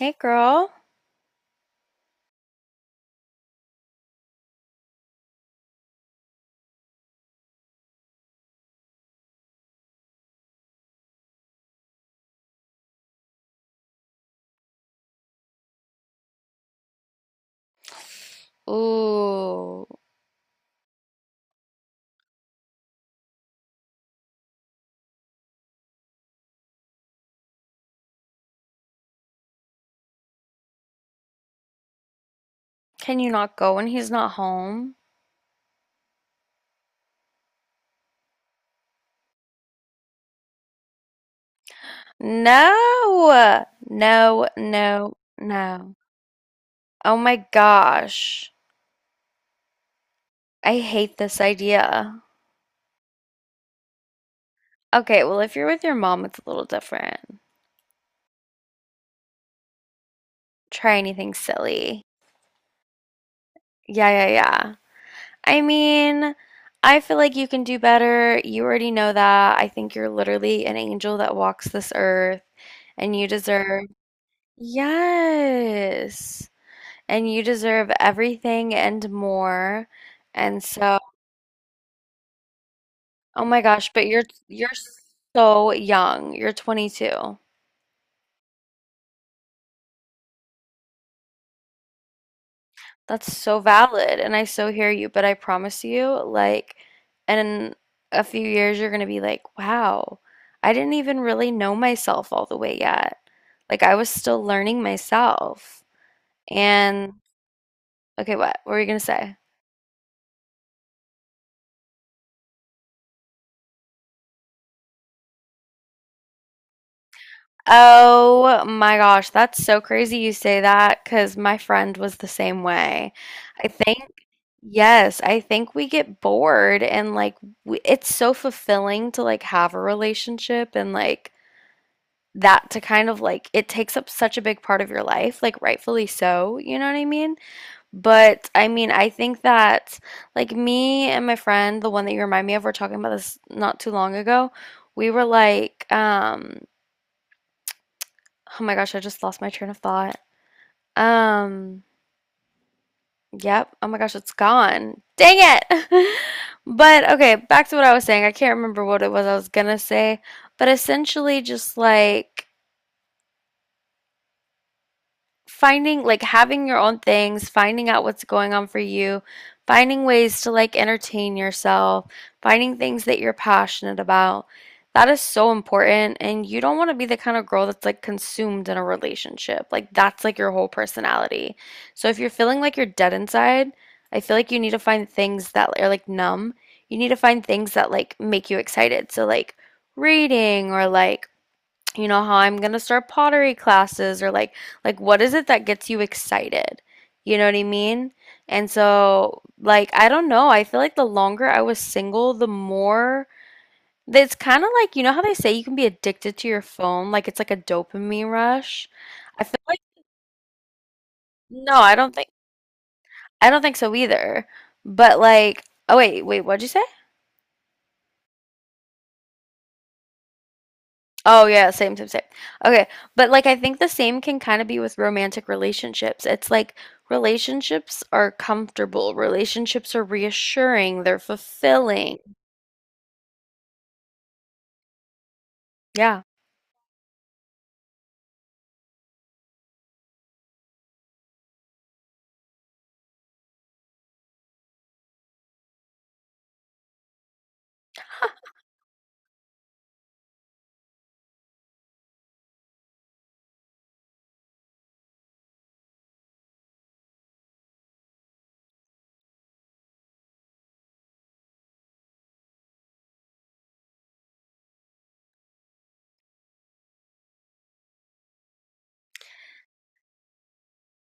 Hey girl. Ooh. Can you not go when he's not home? No, no, no, no. Oh my gosh. I hate this idea. Okay, well, if you're with your mom, it's a little different. Try anything silly. Yeah, yeah, yeah. I mean, I feel like you can do better. You already know that. I think you're literally an angel that walks this earth and you deserve. Yes. And you deserve everything and more. And so, oh my gosh, but you're so young. You're 22. That's so valid, and I so hear you, but I promise you, like in a few years you're going to be like, "Wow, I didn't even really know myself all the way yet." Like I was still learning myself. And okay, what were you going to say? Oh my gosh, that's so crazy you say that because my friend was the same way. I think, yes, I think we get bored and like we, it's so fulfilling to like have a relationship and like that to kind of like it takes up such a big part of your life, like rightfully so, what I mean? But I mean, I think that like me and my friend, the one that you remind me of, we're talking about this not too long ago, we were like, oh my gosh, I just lost my train of thought. Um, yep. Oh my gosh, it's gone. Dang it. But okay, back to what I was saying. I can't remember what it was I was gonna say, but essentially just like finding like having your own things, finding out what's going on for you, finding ways to like entertain yourself, finding things that you're passionate about. That is so important. And you don't want to be the kind of girl that's like consumed in a relationship. Like that's like your whole personality. So if you're feeling like you're dead inside, I feel like you need to find things that are like numb. You need to find things that like make you excited. So like reading or like you know how I'm gonna start pottery classes or like what is it that gets you excited? You know what I mean? And so like I don't know, I feel like the longer I was single, the more it's kind of like you know how they say you can be addicted to your phone, like it's like a dopamine rush. I feel like no, I don't think so either. But like oh wait, wait, what'd you say? Oh yeah, same, same, same. Okay, but like I think the same can kind of be with romantic relationships. It's like relationships are comfortable, relationships are reassuring, they're fulfilling. Yeah.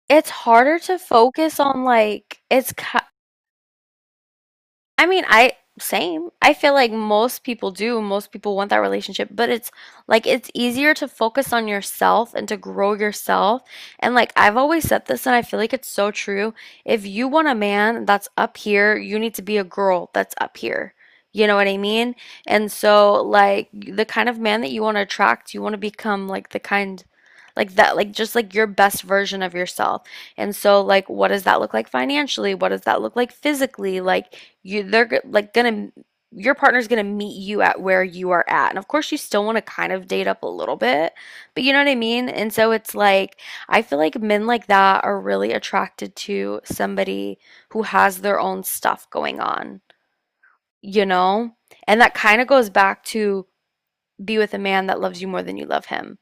It's harder to focus on like it's ki I mean, I same. I feel like most people do. Most people want that relationship, but it's like it's easier to focus on yourself and to grow yourself. And like I've always said this and I feel like it's so true. If you want a man that's up here, you need to be a girl that's up here. You know what I mean? And so like the kind of man that you want to attract, you want to become like the kind like that like just like your best version of yourself. And so like what does that look like financially? What does that look like physically? Like you they're g- like gonna your partner's gonna meet you at where you are at and of course you still want to kind of date up a little bit but you know what I mean and so it's like I feel like men like that are really attracted to somebody who has their own stuff going on, you know, and that kind of goes back to be with a man that loves you more than you love him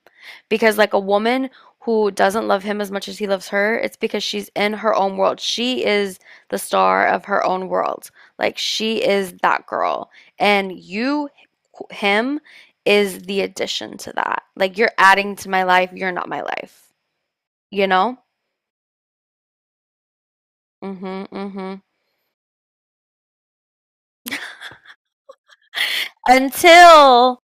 because like a woman who doesn't love him as much as he loves her, it's because she's in her own world. She is the star of her own world. Like she is that girl. And you him is the addition to that. Like you're adding to my life, you're not my life. You know? Mhm, mhm. Until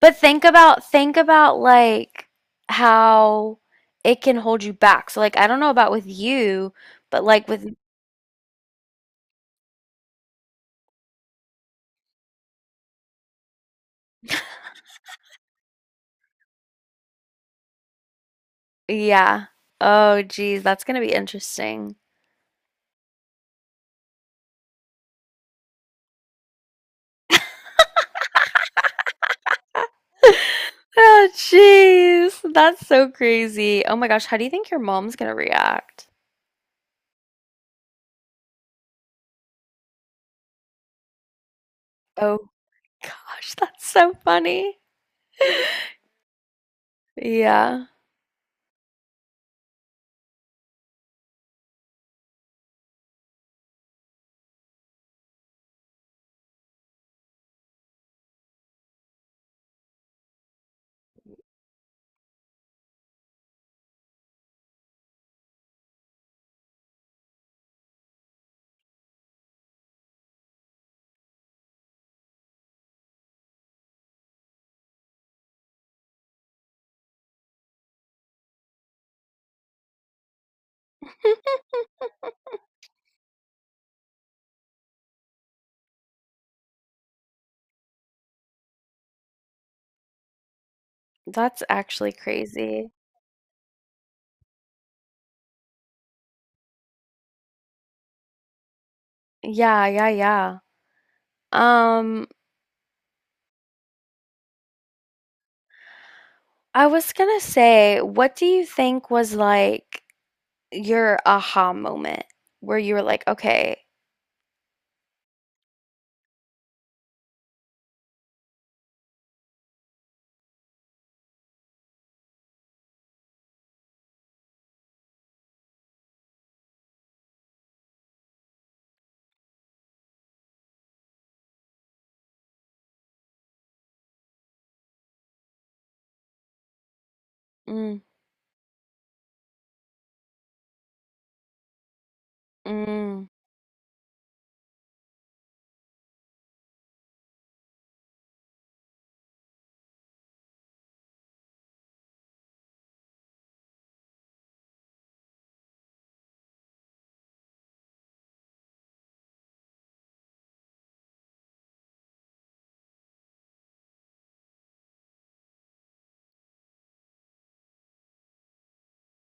but think about like how it can hold you back. So like I don't know about with you, but like with yeah. Oh, geez, that's gonna be interesting. Oh, jeez, that's so crazy. Oh my gosh, how do you think your mom's gonna react? Oh gosh, that's so funny. Yeah, that's actually crazy. Yeah, yeah, yeah. Um, I was gonna say, what do you think was like your aha moment where you were like, okay, mm, mm,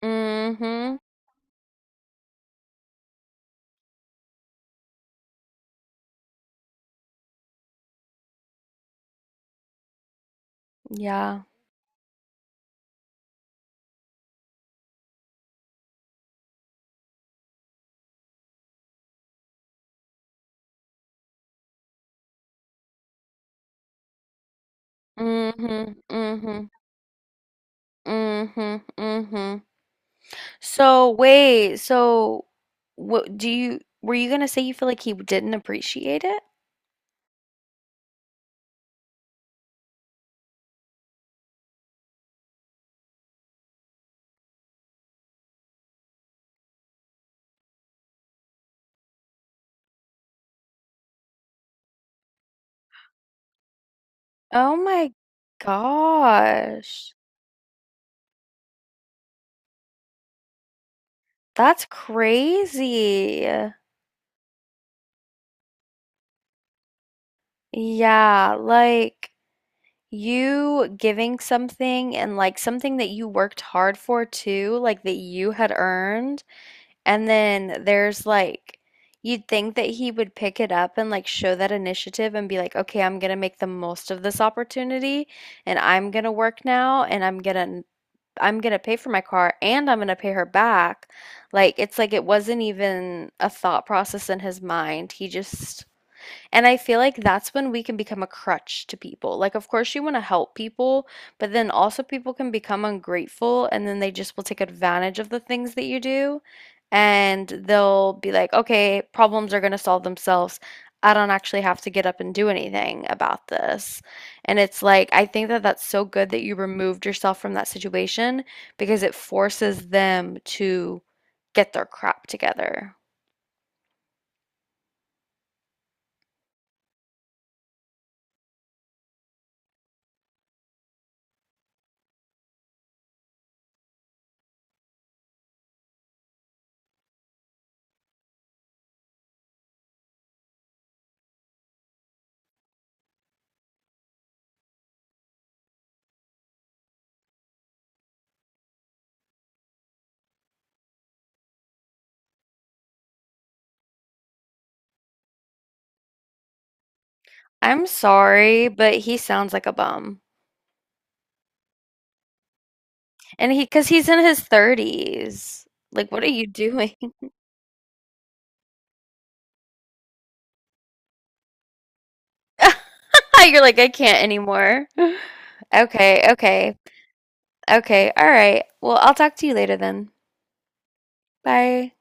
mm-hmm, yeah, mm-hmm, mm-hmm. Mm-hmm. Mm-hmm. So wait, so what do you were you gonna say you feel like he didn't appreciate it? Oh my gosh. That's crazy. Yeah, like you giving something and like something that you worked hard for too, like that you had earned. And then there's like, you'd think that he would pick it up and like show that initiative and be like, okay, I'm gonna make the most of this opportunity and I'm gonna work now and I'm gonna pay for my car and I'm gonna pay her back. Like it's like it wasn't even a thought process in his mind. He just and I feel like that's when we can become a crutch to people. Like, of course, you want to help people, but then also people can become ungrateful and then they just will take advantage of the things that you do. And they'll be like, okay, problems are going to solve themselves. I don't actually have to get up and do anything about this. And it's like, I think that that's so good that you removed yourself from that situation because it forces them to get their crap together. I'm sorry, but he sounds like a bum. And he, because he's in his 30s. Like, what are you doing? You're like, I can't anymore. Okay, okay, okay. All right. Well, I'll talk to you later then. Bye.